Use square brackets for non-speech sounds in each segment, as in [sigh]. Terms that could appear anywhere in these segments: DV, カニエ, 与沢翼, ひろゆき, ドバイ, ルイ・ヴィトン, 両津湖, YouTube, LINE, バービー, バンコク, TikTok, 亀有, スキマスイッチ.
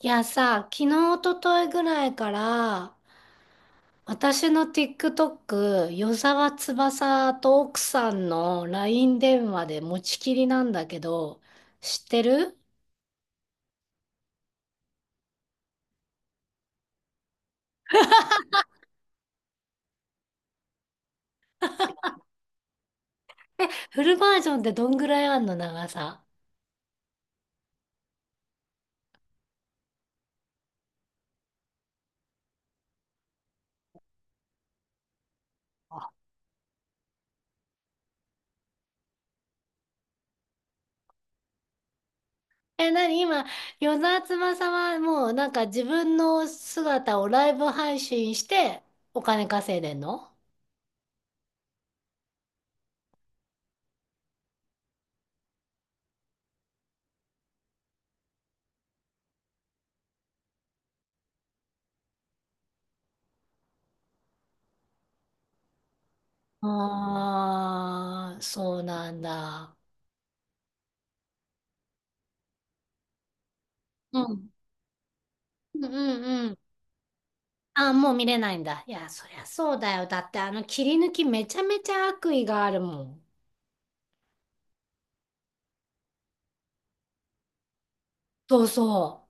いやさ、昨日、おとといぐらいから、私の TikTok、与沢翼と奥さんの LINE 電話で持ちきりなんだけど、知ってる。フルバージョンってどんぐらいあんの長さ。え、なに今、与沢翼はなんか自分の姿をライブ配信してお金稼いでんの。ああー、そうなんだ。うん。うんうん。ああ、もう見れないんだ。いや、そりゃそうだよ。だってあの切り抜きめちゃめちゃ悪意があるもん。そうそ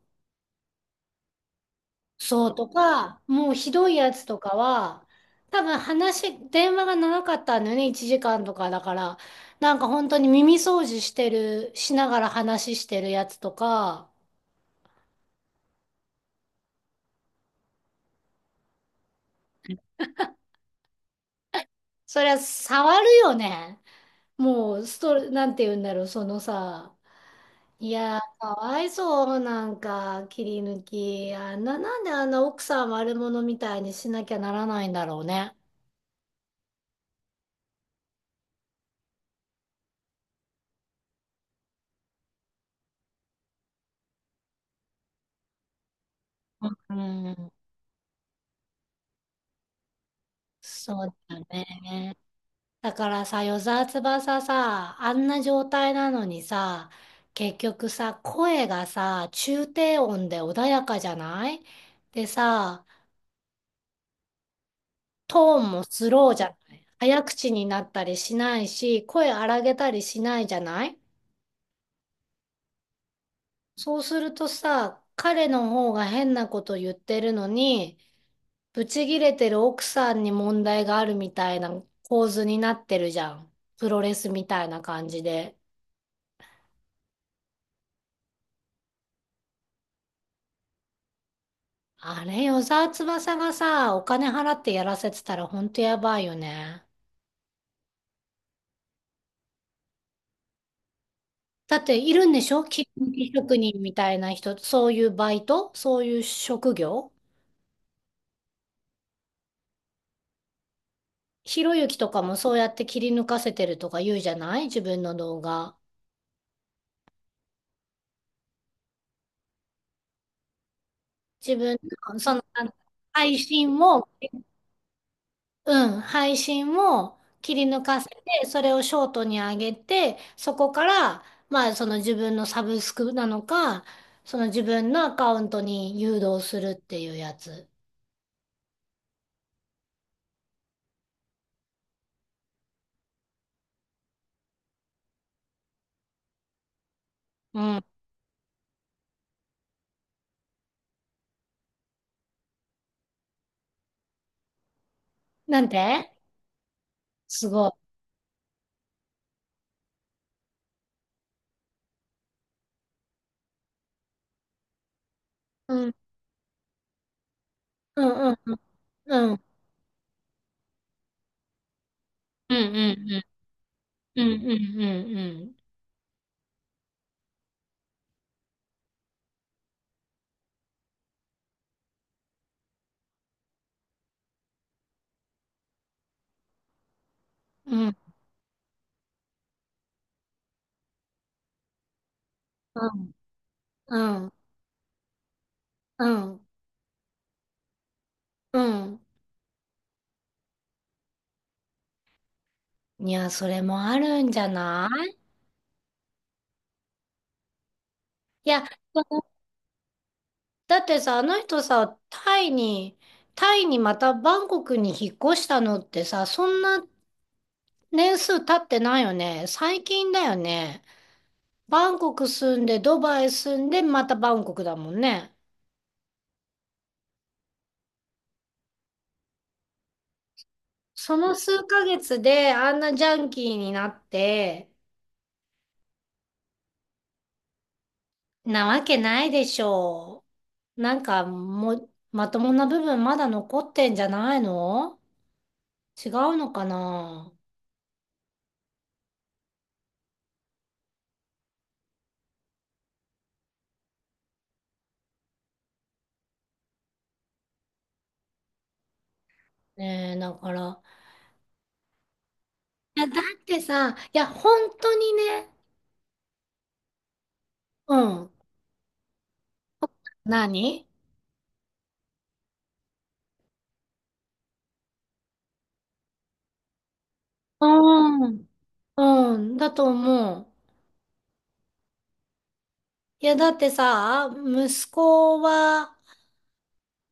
う。そうとか、もうひどいやつとかは、多分話、電話が長かったんだよね。1時間とかだから。なんか本当に耳掃除してる、しながら話してるやつとか、そりゃ触るよね。もう、なんて言うんだろう、そのさ、いやー、かわいそう、なんか、切り抜き。あんな、なんであんな奥さん悪者みたいにしなきゃならないんだろうね。うん。そうだね。だからさ、与沢翼さ、あんな状態なのにさ、結局さ、声がさ、中低音で穏やかじゃないでさ、トーンもスローじゃない、早口になったりしないし、声荒げたりしないじゃない。そうするとさ、彼の方が変なこと言ってるのに、ブチギレてる奥さんに問題があるみたいな構図になってるじゃん。プロレスみたいな感じで。あれ、与沢翼がさ、お金払ってやらせてたらほんとやばいよね。だっているんでしょ、切り抜き職人みたいな人、そういうバイト、そういう職業。ひろゆきとかもそうやって切り抜かせてるとか言うじゃない、自分の動画。自分の、その、あの配信も、うん、配信も切り抜かせて、それをショートに上げて、そこから、まあ、その自分のサブスクなのか、その自分のアカウントに誘導するっていうやつ。うん。なんて。すごい。うん。うんうんうん。うんうんうんうん。うんうんうんうんうんうんうん。うん。いや、それもあるんじゃない。いや、だってさ、あの人さ、タイに、タイにまたバンコクに引っ越したのってさ、そんな年数経ってないよね。最近だよね。バンコク住んで、ドバイ住んで、またバンコクだもんね。その数ヶ月であんなジャンキーになって、なわけないでしょう。なんかもう、まともな部分まだ残ってんじゃないの。違うのかな。ねえ、だから。いや、だってさ、いや、本当にね、うん。何。うん。うん、だと思う。いや、だってさ、息子は、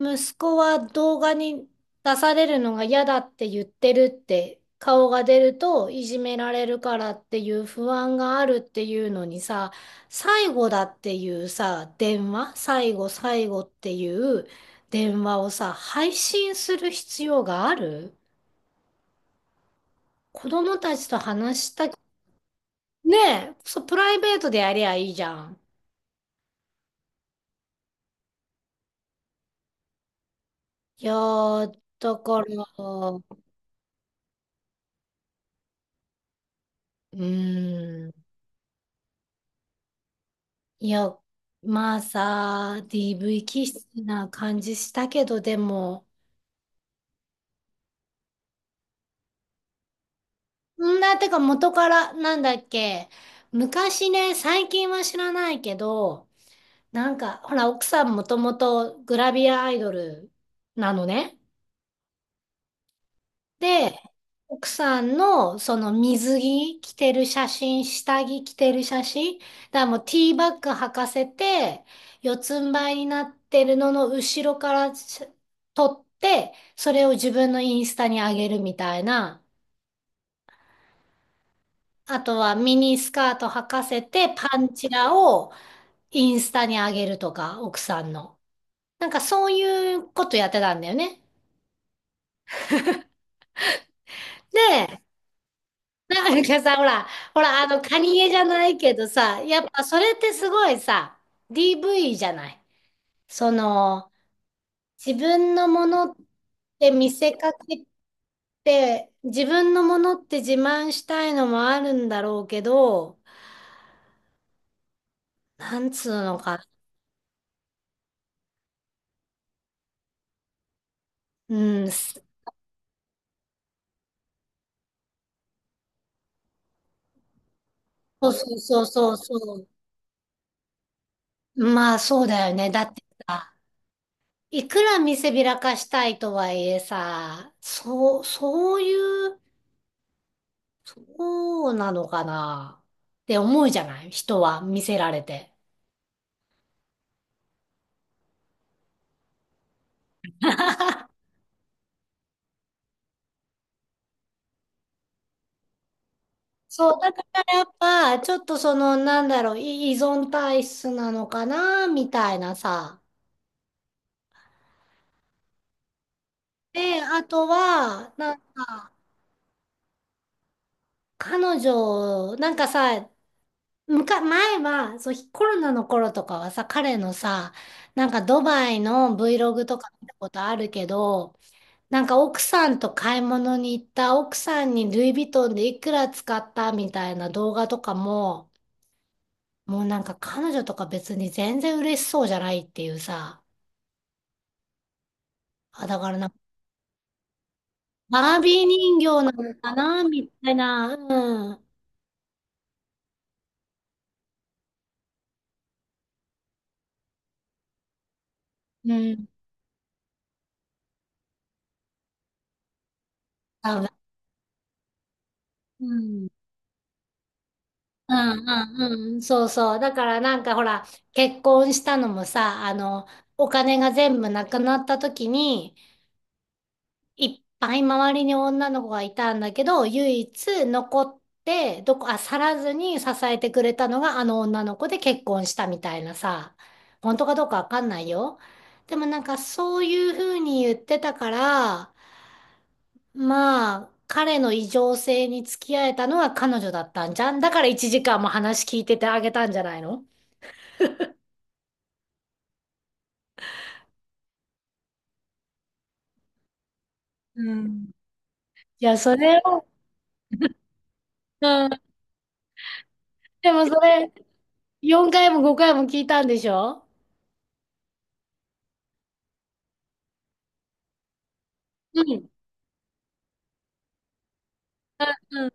息子は動画に出されるのが嫌だって言ってるって、顔が出るといじめられるからっていう不安があるっていうのにさ、最後だっていうさ、電話、最後っていう電話をさ、配信する必要がある、子供たちと話した、ねえ。そう、プライベートでやりゃいいじゃん。いやー、だから、うーん、いや、まあさ、DV 気質な感じしたけど、でも、んだ、てか元から、なんだっけ、昔ね、最近は知らないけど、なんか、ほら、奥さんもともとグラビアアイドルなのね。で、奥さんのその水着着てる写真、下着着てる写真、だからもうティーバッグ履かせて、四つん這いになってるのの後ろから撮って、それを自分のインスタに上げるみたいな。あとはミニスカート履かせてパンチラをインスタに上げるとか、奥さんの。なんかそういうことやってたんだよね。で、なんかさ、ほら、あの、カニエじゃないけどさ、やっぱそれってすごいさ、DV じゃない。その、自分のものって見せかけて、自分のものって自慢したいのもあるんだろうけど、なんつうのか、うん、そう。まあそうだよね。だってさ、いくら見せびらかしたいとはいえさ、そう、そういう、そうなのかなって思うじゃない、人は見せられて。そう、だからやっぱ、ちょっとその、なんだろう、依存体質なのかなみたいなさ。で、あとは、なんか、彼女、なんかさ、前は、そう、コロナの頃とかはさ、彼のさ、なんかドバイの Vlog とか見たことあるけど、なんか奥さんと買い物に行った、奥さんにルイ・ヴィトンでいくら使ったみたいな動画とかも、もうなんか彼女とか別に全然嬉しそうじゃないっていうさ。あ、だからなんか、バービー人形なのかなみたいな。うん。うん。多分。うん。うんうんうん。そうそう。だからなんかほら、結婚したのもさ、あの、お金が全部なくなった時に、いっぱい周りに女の子がいたんだけど、唯一残って、どこ、あ、去らずに支えてくれたのがあの女の子で結婚したみたいなさ、本当かどうかわかんないよ。でもなんかそういうふうに言ってたから、まあ、彼の異常性に付き合えたのは彼女だったんじゃん。だから1時間も話聞いててあげたんじゃないの。うん。いや、それを、うん。でもそれ、4回も5回も聞いたんでしょ。うん。うん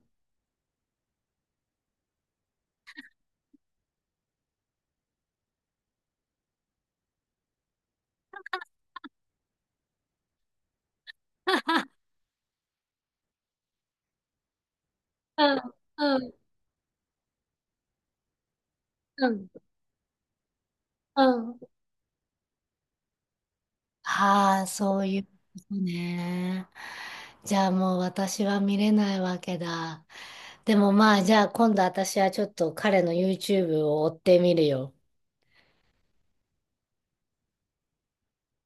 うん、うん、うん、うん。はあ、そういうことね。じゃあもう私は見れないわけだ。でもまあ、じゃあ今度私はちょっと彼の YouTube を追ってみるよ。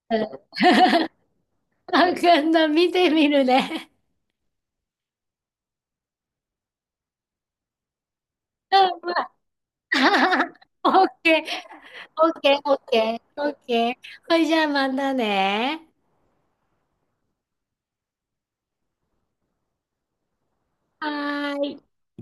うん。あ、今度見てみるね。うんまあ [laughs] オッケー、オッケー、オッケー、オッケー。ほいじゃあまたね。はーい。